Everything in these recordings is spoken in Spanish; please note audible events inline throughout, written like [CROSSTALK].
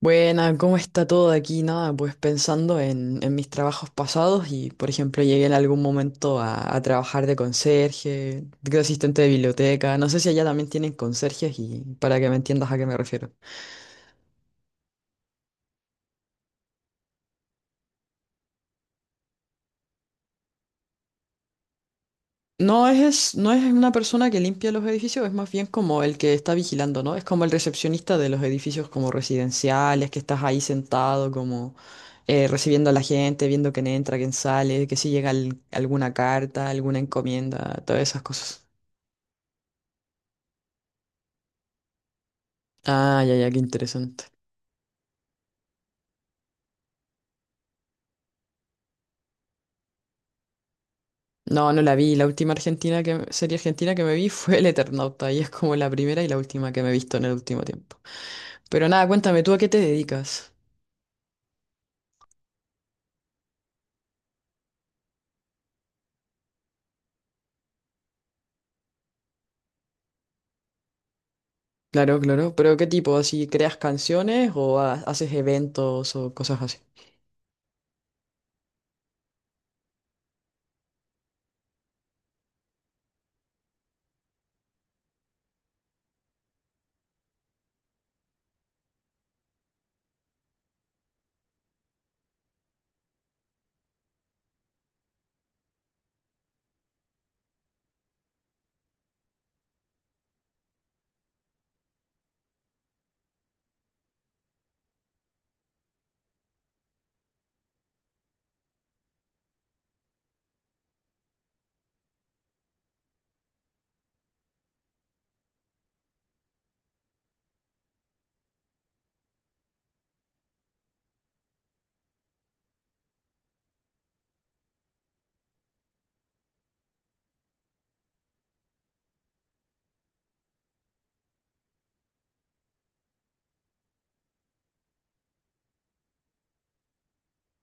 Buena, ¿cómo está todo aquí? Nada, pues pensando en mis trabajos pasados y, por ejemplo, llegué en algún momento a trabajar de conserje, de asistente de biblioteca. No sé si allá también tienen conserjes y para que me entiendas a qué me refiero. No es una persona que limpia los edificios, es más bien como el que está vigilando, ¿no? Es como el recepcionista de los edificios como residenciales, que estás ahí sentado como recibiendo a la gente, viendo quién entra, quién sale, que si llega alguna carta, alguna encomienda, todas esas cosas. Ah, ya, ya, qué interesante. No, no la vi. La última serie argentina que me vi fue El Eternauta y es como la primera y la última que me he visto en el último tiempo. Pero nada, cuéntame, ¿tú a qué te dedicas? Claro, claro. ¿Pero qué tipo? ¿Así creas canciones o haces eventos o cosas así?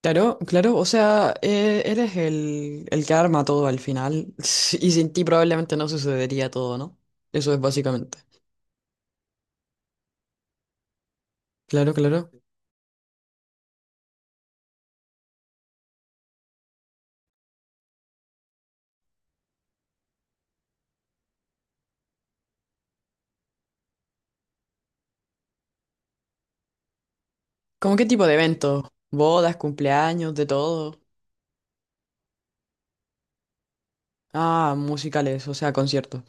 Claro, claro. O sea, eres el que arma todo al final [LAUGHS] y sin ti probablemente no sucedería todo, ¿no? Eso es básicamente. Claro, claro. ¿Cómo qué tipo de eventos? ¿Bodas, cumpleaños, de todo? Ah, musicales, o sea, conciertos.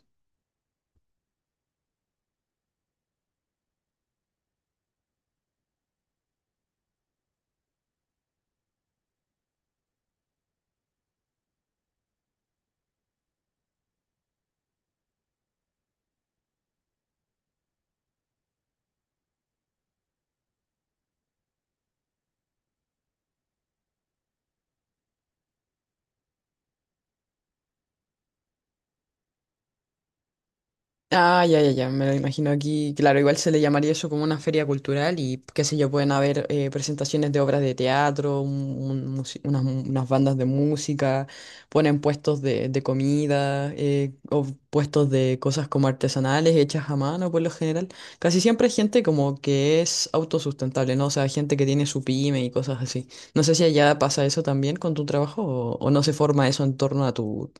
Ah, ya, ya, ya, me lo imagino aquí. Claro, igual se le llamaría eso como una feria cultural y qué sé yo, pueden haber presentaciones de obras de teatro, unas bandas de música, ponen puestos de comida o puestos de cosas como artesanales hechas a mano por lo general. Casi siempre hay gente como que es autosustentable, ¿no? O sea, gente que tiene su pyme y cosas así. No sé si allá pasa eso también con tu trabajo o no se forma eso en torno a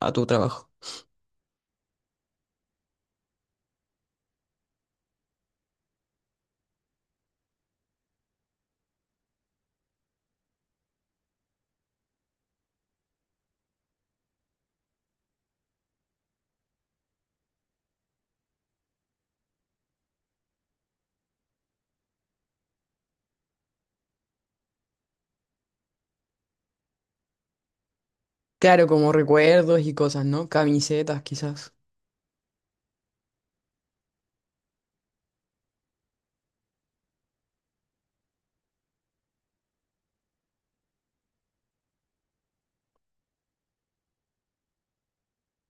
a tu trabajo. Claro, como recuerdos y cosas, ¿no? Camisetas, quizás.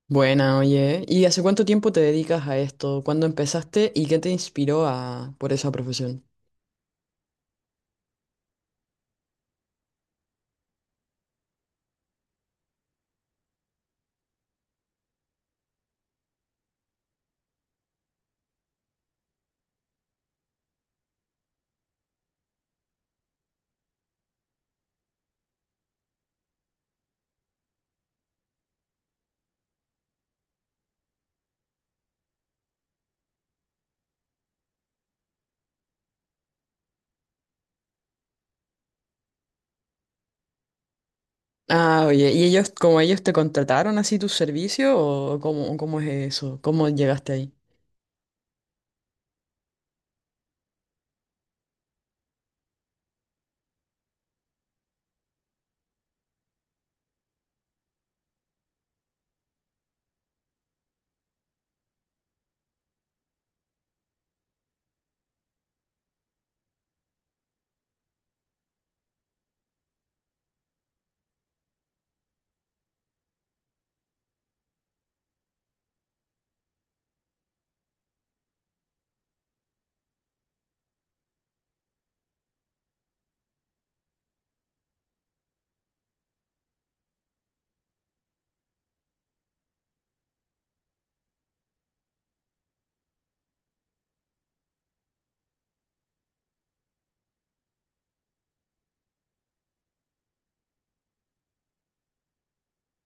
Buena, oye. ¿Y hace cuánto tiempo te dedicas a esto? ¿Cuándo empezaste y qué te inspiró a por esa profesión? Ah, oye, ¿y ellos, como ellos te contrataron así tu servicio o cómo es eso? ¿Cómo llegaste ahí?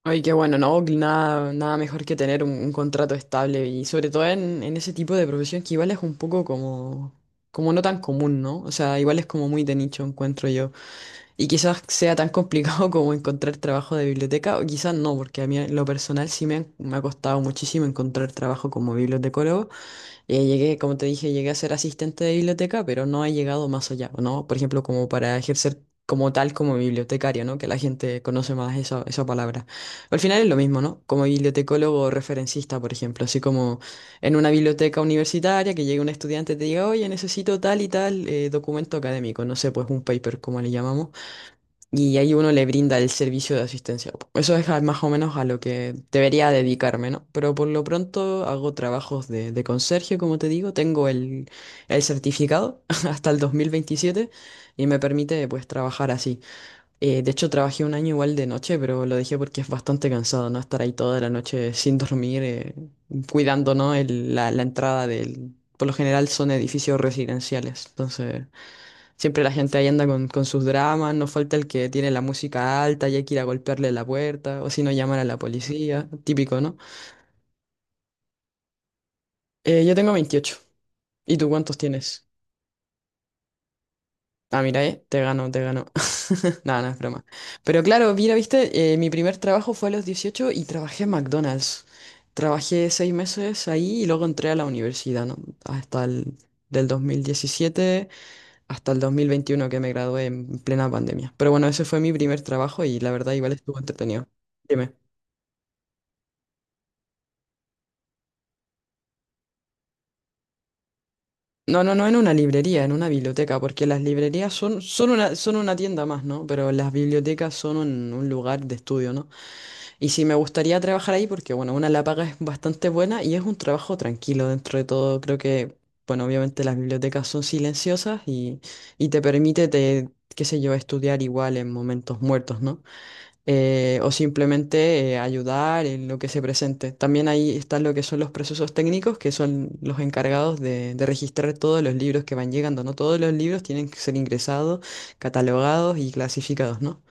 Oye, qué bueno, no, nada, nada mejor que tener un contrato estable y sobre todo en ese tipo de profesión que igual es un poco como, como no tan común, ¿no? O sea, igual es como muy de nicho, encuentro yo. Y quizás sea tan complicado [LAUGHS] como encontrar trabajo de biblioteca, o quizás no, porque a mí en lo personal sí me ha costado muchísimo encontrar trabajo como bibliotecólogo. Llegué, como te dije, llegué a ser asistente de biblioteca, pero no he llegado más allá, ¿no? Por ejemplo, como para ejercer como tal como bibliotecario, ¿no? Que la gente conoce más esa palabra. Al final es lo mismo, ¿no? Como bibliotecólogo o referencista, por ejemplo, así como en una biblioteca universitaria que llegue un estudiante y te diga, oye, necesito tal y tal documento académico, no sé, pues un paper, como le llamamos y ahí uno le brinda el servicio de asistencia. Eso es más o menos a lo que debería dedicarme, ¿no? Pero por lo pronto hago trabajos de conserje, como te digo, tengo el certificado [LAUGHS] hasta el 2027 y me permite pues trabajar así. De hecho, trabajé un año igual de noche, pero lo dejé porque es bastante cansado, ¿no? Estar ahí toda la noche sin dormir, cuidando, ¿no? La entrada del... Por lo general son edificios residenciales, entonces... Siempre la gente ahí anda con sus dramas, no falta el que tiene la música alta y hay que ir a golpearle la puerta, o si no, llamar a la policía, típico, ¿no? Yo tengo veintiocho. ¿Y tú cuántos tienes? Ah, mira, te gano, te gano. [LAUGHS] Nada, no, no, es broma. Pero claro, mira, viste, mi primer trabajo fue a los 18 y trabajé en McDonald's. Trabajé seis meses ahí y luego entré a la universidad, ¿no? Hasta el Del 2017 hasta el 2021 que me gradué en plena pandemia. Pero bueno, ese fue mi primer trabajo y la verdad igual estuvo entretenido. Dime. No, no, no en una librería, en una biblioteca, porque las librerías son una tienda más, ¿no? Pero las bibliotecas son un lugar de estudio, ¿no? Y sí, me gustaría trabajar ahí porque, bueno, una la paga es bastante buena y es un trabajo tranquilo dentro de todo. Creo que, bueno, obviamente las bibliotecas son silenciosas y te permite, te, qué sé yo, estudiar igual en momentos muertos, ¿no? O simplemente ayudar en lo que se presente. También ahí están lo que son los procesos técnicos, que son los encargados de registrar todos los libros que van llegando, ¿no? Todos los libros tienen que ser ingresados, catalogados y clasificados, ¿no?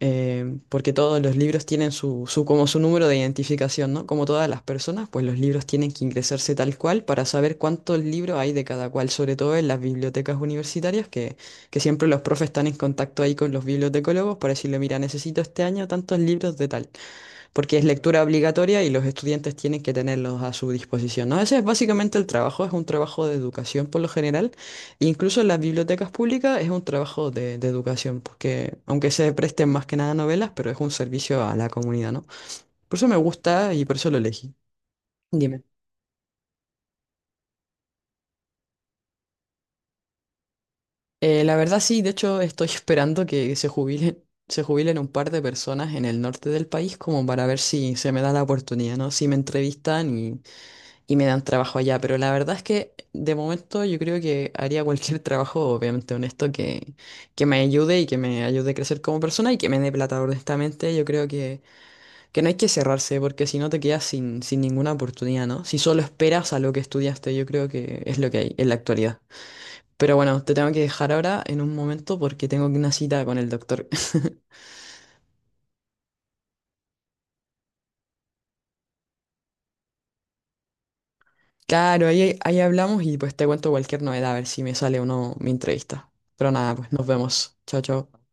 Porque todos los libros tienen como su número de identificación, ¿no? Como todas las personas, pues los libros tienen que ingresarse tal cual para saber cuántos libros hay de cada cual, sobre todo en las bibliotecas universitarias, que siempre los profes están en contacto ahí con los bibliotecólogos para decirle, mira, necesito este año tantos libros de tal porque es lectura obligatoria y los estudiantes tienen que tenerlos a su disposición, ¿no? Ese es básicamente el trabajo, es un trabajo de educación por lo general, e incluso en las bibliotecas públicas es un trabajo de educación, porque aunque se presten más que nada novelas, pero es un servicio a la comunidad, ¿no? Por eso me gusta y por eso lo elegí. Dime. La verdad sí, de hecho estoy [LAUGHS] esperando que se jubilen un par de personas en el norte del país como para ver si se me da la oportunidad, ¿no? Si me entrevistan y me dan trabajo allá, pero la verdad es que de momento yo creo que haría cualquier [LAUGHS] trabajo, obviamente honesto, que me ayude y que me ayude a crecer como persona y que me dé plata, honestamente. Yo creo que no hay que cerrarse, porque si no te quedas sin, sin ninguna oportunidad, ¿no? Si solo esperas a lo que estudiaste, yo creo que es lo que hay en la actualidad. Pero bueno, te tengo que dejar ahora en un momento porque tengo una cita con el doctor. [LAUGHS] Claro, ahí hablamos y pues te cuento cualquier novedad, a ver si me sale o no mi entrevista. Pero nada, pues nos vemos. Chao, chao.